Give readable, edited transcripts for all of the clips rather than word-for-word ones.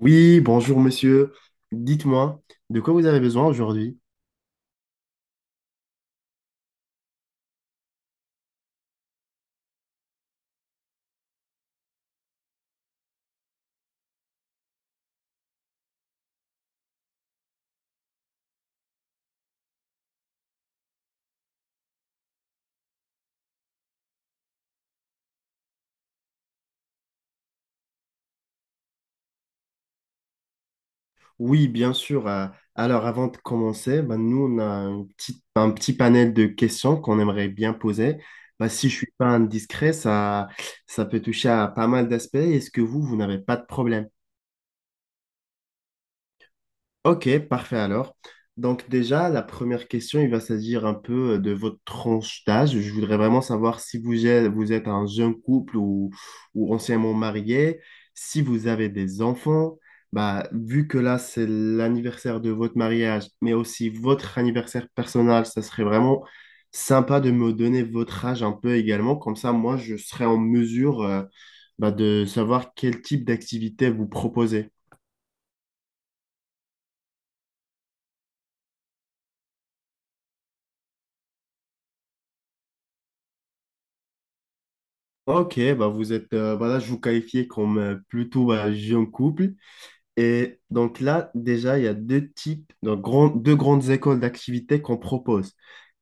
Oui, bonjour monsieur. Dites-moi, de quoi vous avez besoin aujourd'hui? Oui, bien sûr. Alors, avant de commencer, ben, nous, on a un petit panel de questions qu'on aimerait bien poser. Ben, si je suis pas indiscret, ça peut toucher à pas mal d'aspects. Est-ce que vous n'avez pas de problème? Ok, parfait alors. Donc déjà, la première question, il va s'agir un peu de votre tranche d'âge. Je voudrais vraiment savoir si vous êtes un jeune couple ou anciennement marié, si vous avez des enfants. Bah, vu que là, c'est l'anniversaire de votre mariage, mais aussi votre anniversaire personnel, ça serait vraiment sympa de me donner votre âge un peu également. Comme ça, moi, je serai en mesure, bah, de savoir quel type d'activité vous proposez. Ok, bah vous êtes, voilà, je vous qualifiais comme plutôt bah, jeune couple. Et donc là, déjà, il y a deux types, donc deux grandes écoles d'activités qu'on propose.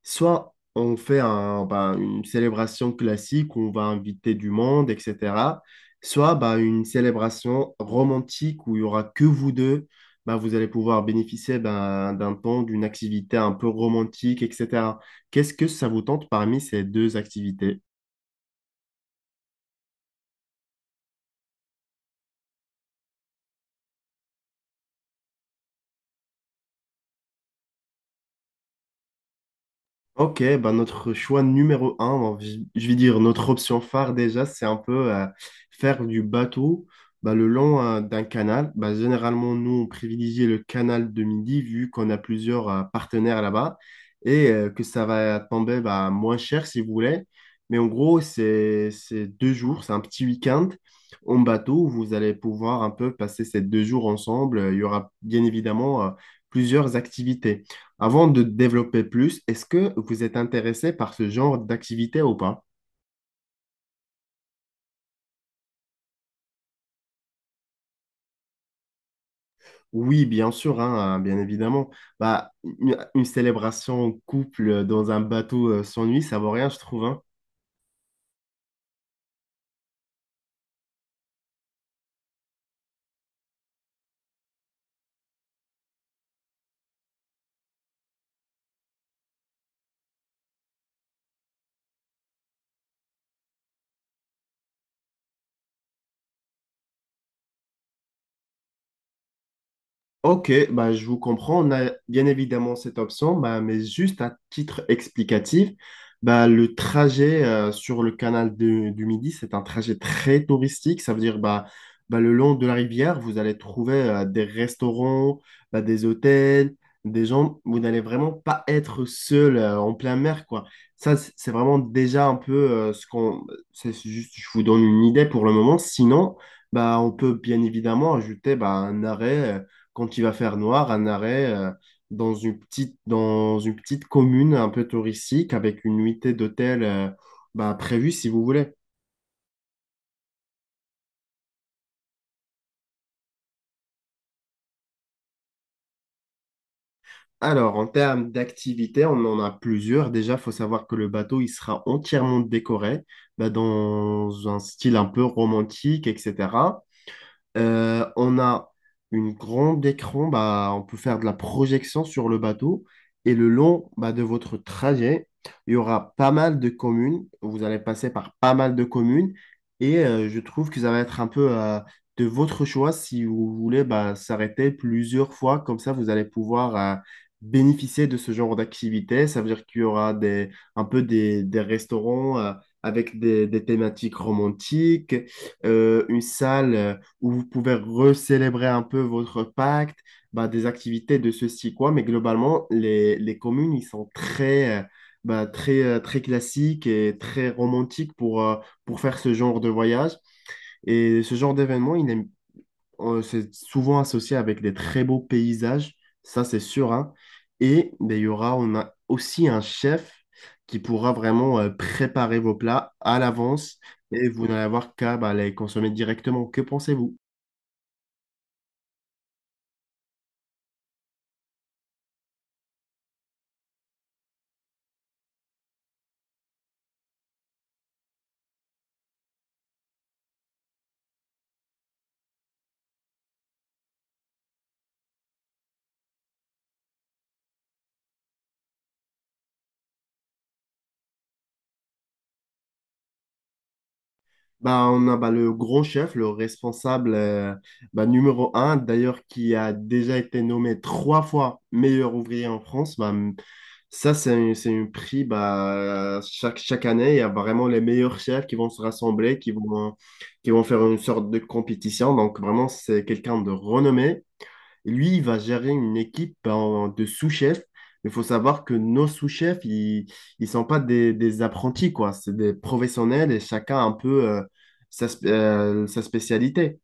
Soit on fait un, bah, une célébration classique où on va inviter du monde, etc. Soit bah, une célébration romantique où il y aura que vous deux. Bah, vous allez pouvoir bénéficier d'un temps, d'une activité un peu romantique, etc. Qu'est-ce que ça vous tente parmi ces deux activités? Ok, bah notre choix numéro un, bon, je vais dire notre option phare déjà, c'est un peu faire du bateau bah, le long d'un canal. Bah, généralement, nous, on privilégie le canal de Midi vu qu'on a plusieurs partenaires là-bas et que ça va tomber bah, moins cher si vous voulez. Mais en gros, c'est 2 jours, c'est un petit week-end en bateau où vous allez pouvoir un peu passer ces 2 jours ensemble. Il y aura bien évidemment plusieurs activités. Avant de développer plus, est-ce que vous êtes intéressé par ce genre d'activité ou pas? Oui, bien sûr, hein, bien évidemment. Bah, une célébration en couple dans un bateau sans nuit, ça vaut rien, je trouve. Hein. Ok, bah, je vous comprends. On a bien évidemment cette option, bah, mais juste à titre explicatif, bah, le trajet sur le canal du Midi, c'est un trajet très touristique. Ça veut dire bah, bah, le long de la rivière, vous allez trouver des restaurants, bah, des hôtels, des gens. Vous n'allez vraiment pas être seul en plein mer, quoi. Ça, c'est vraiment déjà un peu ce qu'on. C'est juste, je vous donne une idée pour le moment. Sinon, bah, on peut bien évidemment ajouter bah, un arrêt. Quand il va faire noir, un arrêt dans une petite commune un peu touristique avec une nuitée d'hôtel bah, prévue si vous voulez. Alors, en termes d'activités, on en a plusieurs. Déjà, il faut savoir que le bateau, il sera entièrement décoré bah, dans un style un peu romantique, etc. On a une grande écran, bah, on peut faire de la projection sur le bateau. Et le long bah, de votre trajet, il y aura pas mal de communes. Vous allez passer par pas mal de communes. Et je trouve que ça va être un peu de votre choix si vous voulez bah, s'arrêter plusieurs fois. Comme ça, vous allez pouvoir bénéficier de ce genre d'activité. Ça veut dire qu'il y aura des, un peu des restaurants avec des thématiques romantiques, une salle où vous pouvez recélébrer un peu votre pacte, bah, des activités de ceci, quoi. Mais globalement, les communes, ils sont très, bah, très, très classiques et très romantiques pour faire ce genre de voyage. Et ce genre d'événement, il est, c'est souvent associé avec des très beaux paysages, ça c'est sûr, hein. Et bah, il y aura, on a aussi un chef qui pourra vraiment préparer vos plats à l'avance et vous n'allez avoir qu'à bah, les consommer directement. Que pensez-vous? Bah, on a bah, le grand chef, le responsable bah, numéro un, d'ailleurs, qui a déjà été nommé trois fois meilleur ouvrier en France. Bah, ça, c'est un prix bah, chaque année. Il y a vraiment les meilleurs chefs qui vont se rassembler, qui vont faire une sorte de compétition. Donc, vraiment, c'est quelqu'un de renommé. Lui, il va gérer une équipe de sous-chefs. Il faut savoir que nos sous-chefs, ils ne sont pas des, des apprentis, quoi. C'est des professionnels et chacun a un peu sa, sa spécialité.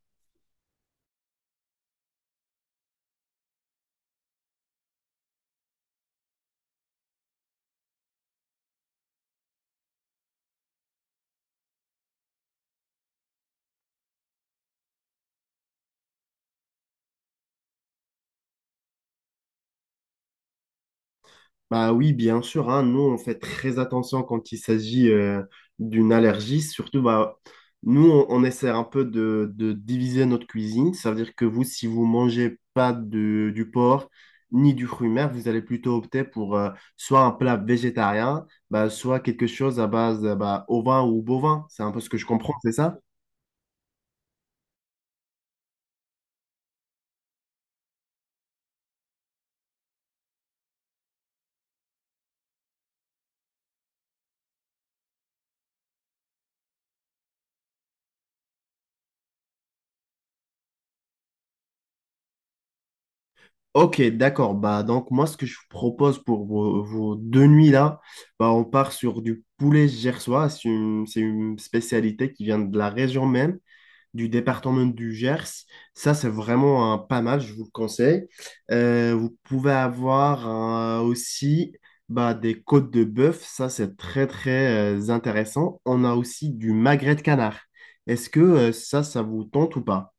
Bah oui, bien sûr, hein, nous on fait très attention quand il s'agit d'une allergie. Surtout, bah, nous on essaie un peu de diviser notre cuisine. Ça veut dire que vous, si vous mangez pas du porc ni du fruit mer, vous allez plutôt opter pour soit un plat végétarien, bah, soit quelque chose à base bah, ovin ou bovin. C'est un peu ce que je comprends, c'est ça? Ok, d'accord. Bah, donc, moi, ce que je vous propose pour vos 2 nuits-là, bah, on part sur du poulet gersois. C'est une spécialité qui vient de la région même, du département du Gers. Ça, c'est vraiment un pas mal, je vous le conseille. Vous pouvez avoir aussi bah, des côtes de bœuf. Ça, c'est très, très intéressant. On a aussi du magret de canard. Est-ce que ça, ça vous tente ou pas?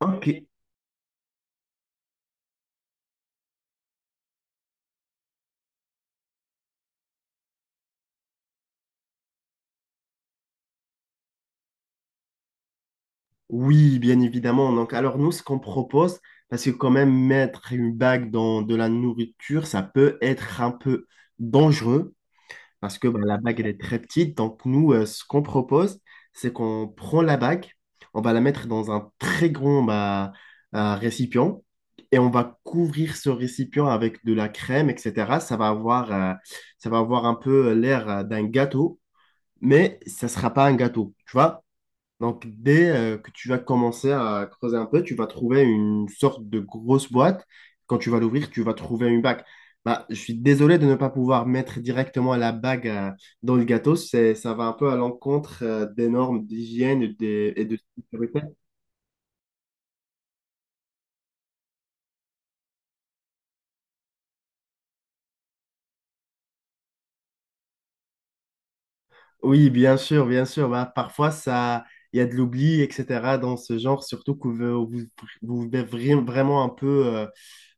Ok. Oui, bien évidemment. Donc, alors nous, ce qu'on propose, parce que quand même mettre une bague dans de la nourriture, ça peut être un peu dangereux, parce que bah, la bague, elle est très petite. Donc, nous, ce qu'on propose, c'est qu'on prend la bague, on va la mettre dans un très grand bah, récipient, et on va couvrir ce récipient avec de la crème, etc. Ça va avoir un peu l'air d'un gâteau, mais ça ne sera pas un gâteau, tu vois? Donc, dès que tu vas commencer à creuser un peu, tu vas trouver une sorte de grosse boîte. Quand tu vas l'ouvrir, tu vas trouver une bague. Bah, je suis désolé de ne pas pouvoir mettre directement la bague dans le gâteau. C'est, ça va un peu à l'encontre des normes d'hygiène et, et de sécurité. Oui, bien sûr, bien sûr. Bah, parfois, ça, il y a de l'oubli, etc. dans ce genre, surtout que vous, vous, vous êtes vraiment un peu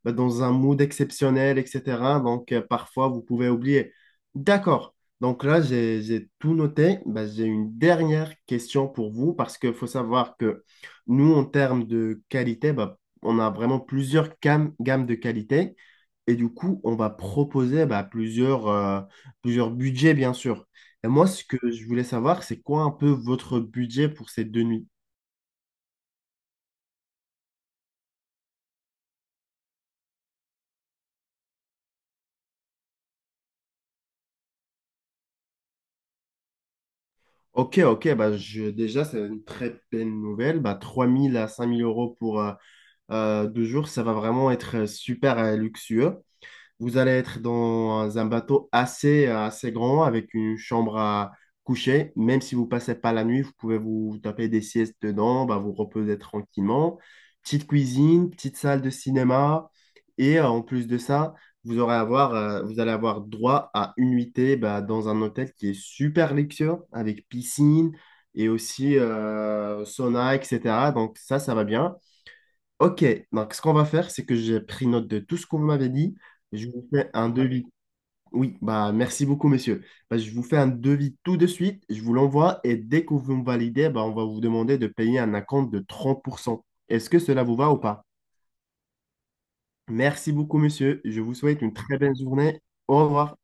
bah, dans un mood exceptionnel, etc. Donc, parfois, vous pouvez oublier. D'accord. Donc là, j'ai tout noté. Bah, j'ai une dernière question pour vous parce qu'il faut savoir que nous, en termes de qualité, bah, on a vraiment plusieurs gammes de qualité. Et du coup, on va proposer bah, plusieurs budgets, bien sûr. Et moi, ce que je voulais savoir, c'est quoi un peu votre budget pour ces 2 nuits? Ok, ok, bah, je, déjà, c'est une très belle nouvelle. Bah, 3 000 à 5 000 euros pour 2 jours, ça va vraiment être super luxueux. Vous allez être dans un bateau assez, assez grand avec une chambre à coucher. Même si vous passez pas la nuit, vous pouvez vous taper des siestes dedans, bah, vous reposer tranquillement. Petite cuisine, petite salle de cinéma. Et en plus de ça, vous aurez avoir, vous allez avoir droit à une nuitée bah, dans un hôtel qui est super luxueux avec piscine et aussi sauna, etc. Donc ça va bien. Ok, donc ce qu'on va faire, c'est que j'ai pris note de tout ce qu'on m'avait dit. Je vous fais un devis. Oui, bah merci beaucoup, monsieur. Bah, je vous fais un devis tout de suite, je vous l'envoie et dès que vous me validez, bah, on va vous demander de payer un acompte de 30%. Est-ce que cela vous va ou pas? Merci beaucoup, monsieur. Je vous souhaite une très belle journée. Au revoir.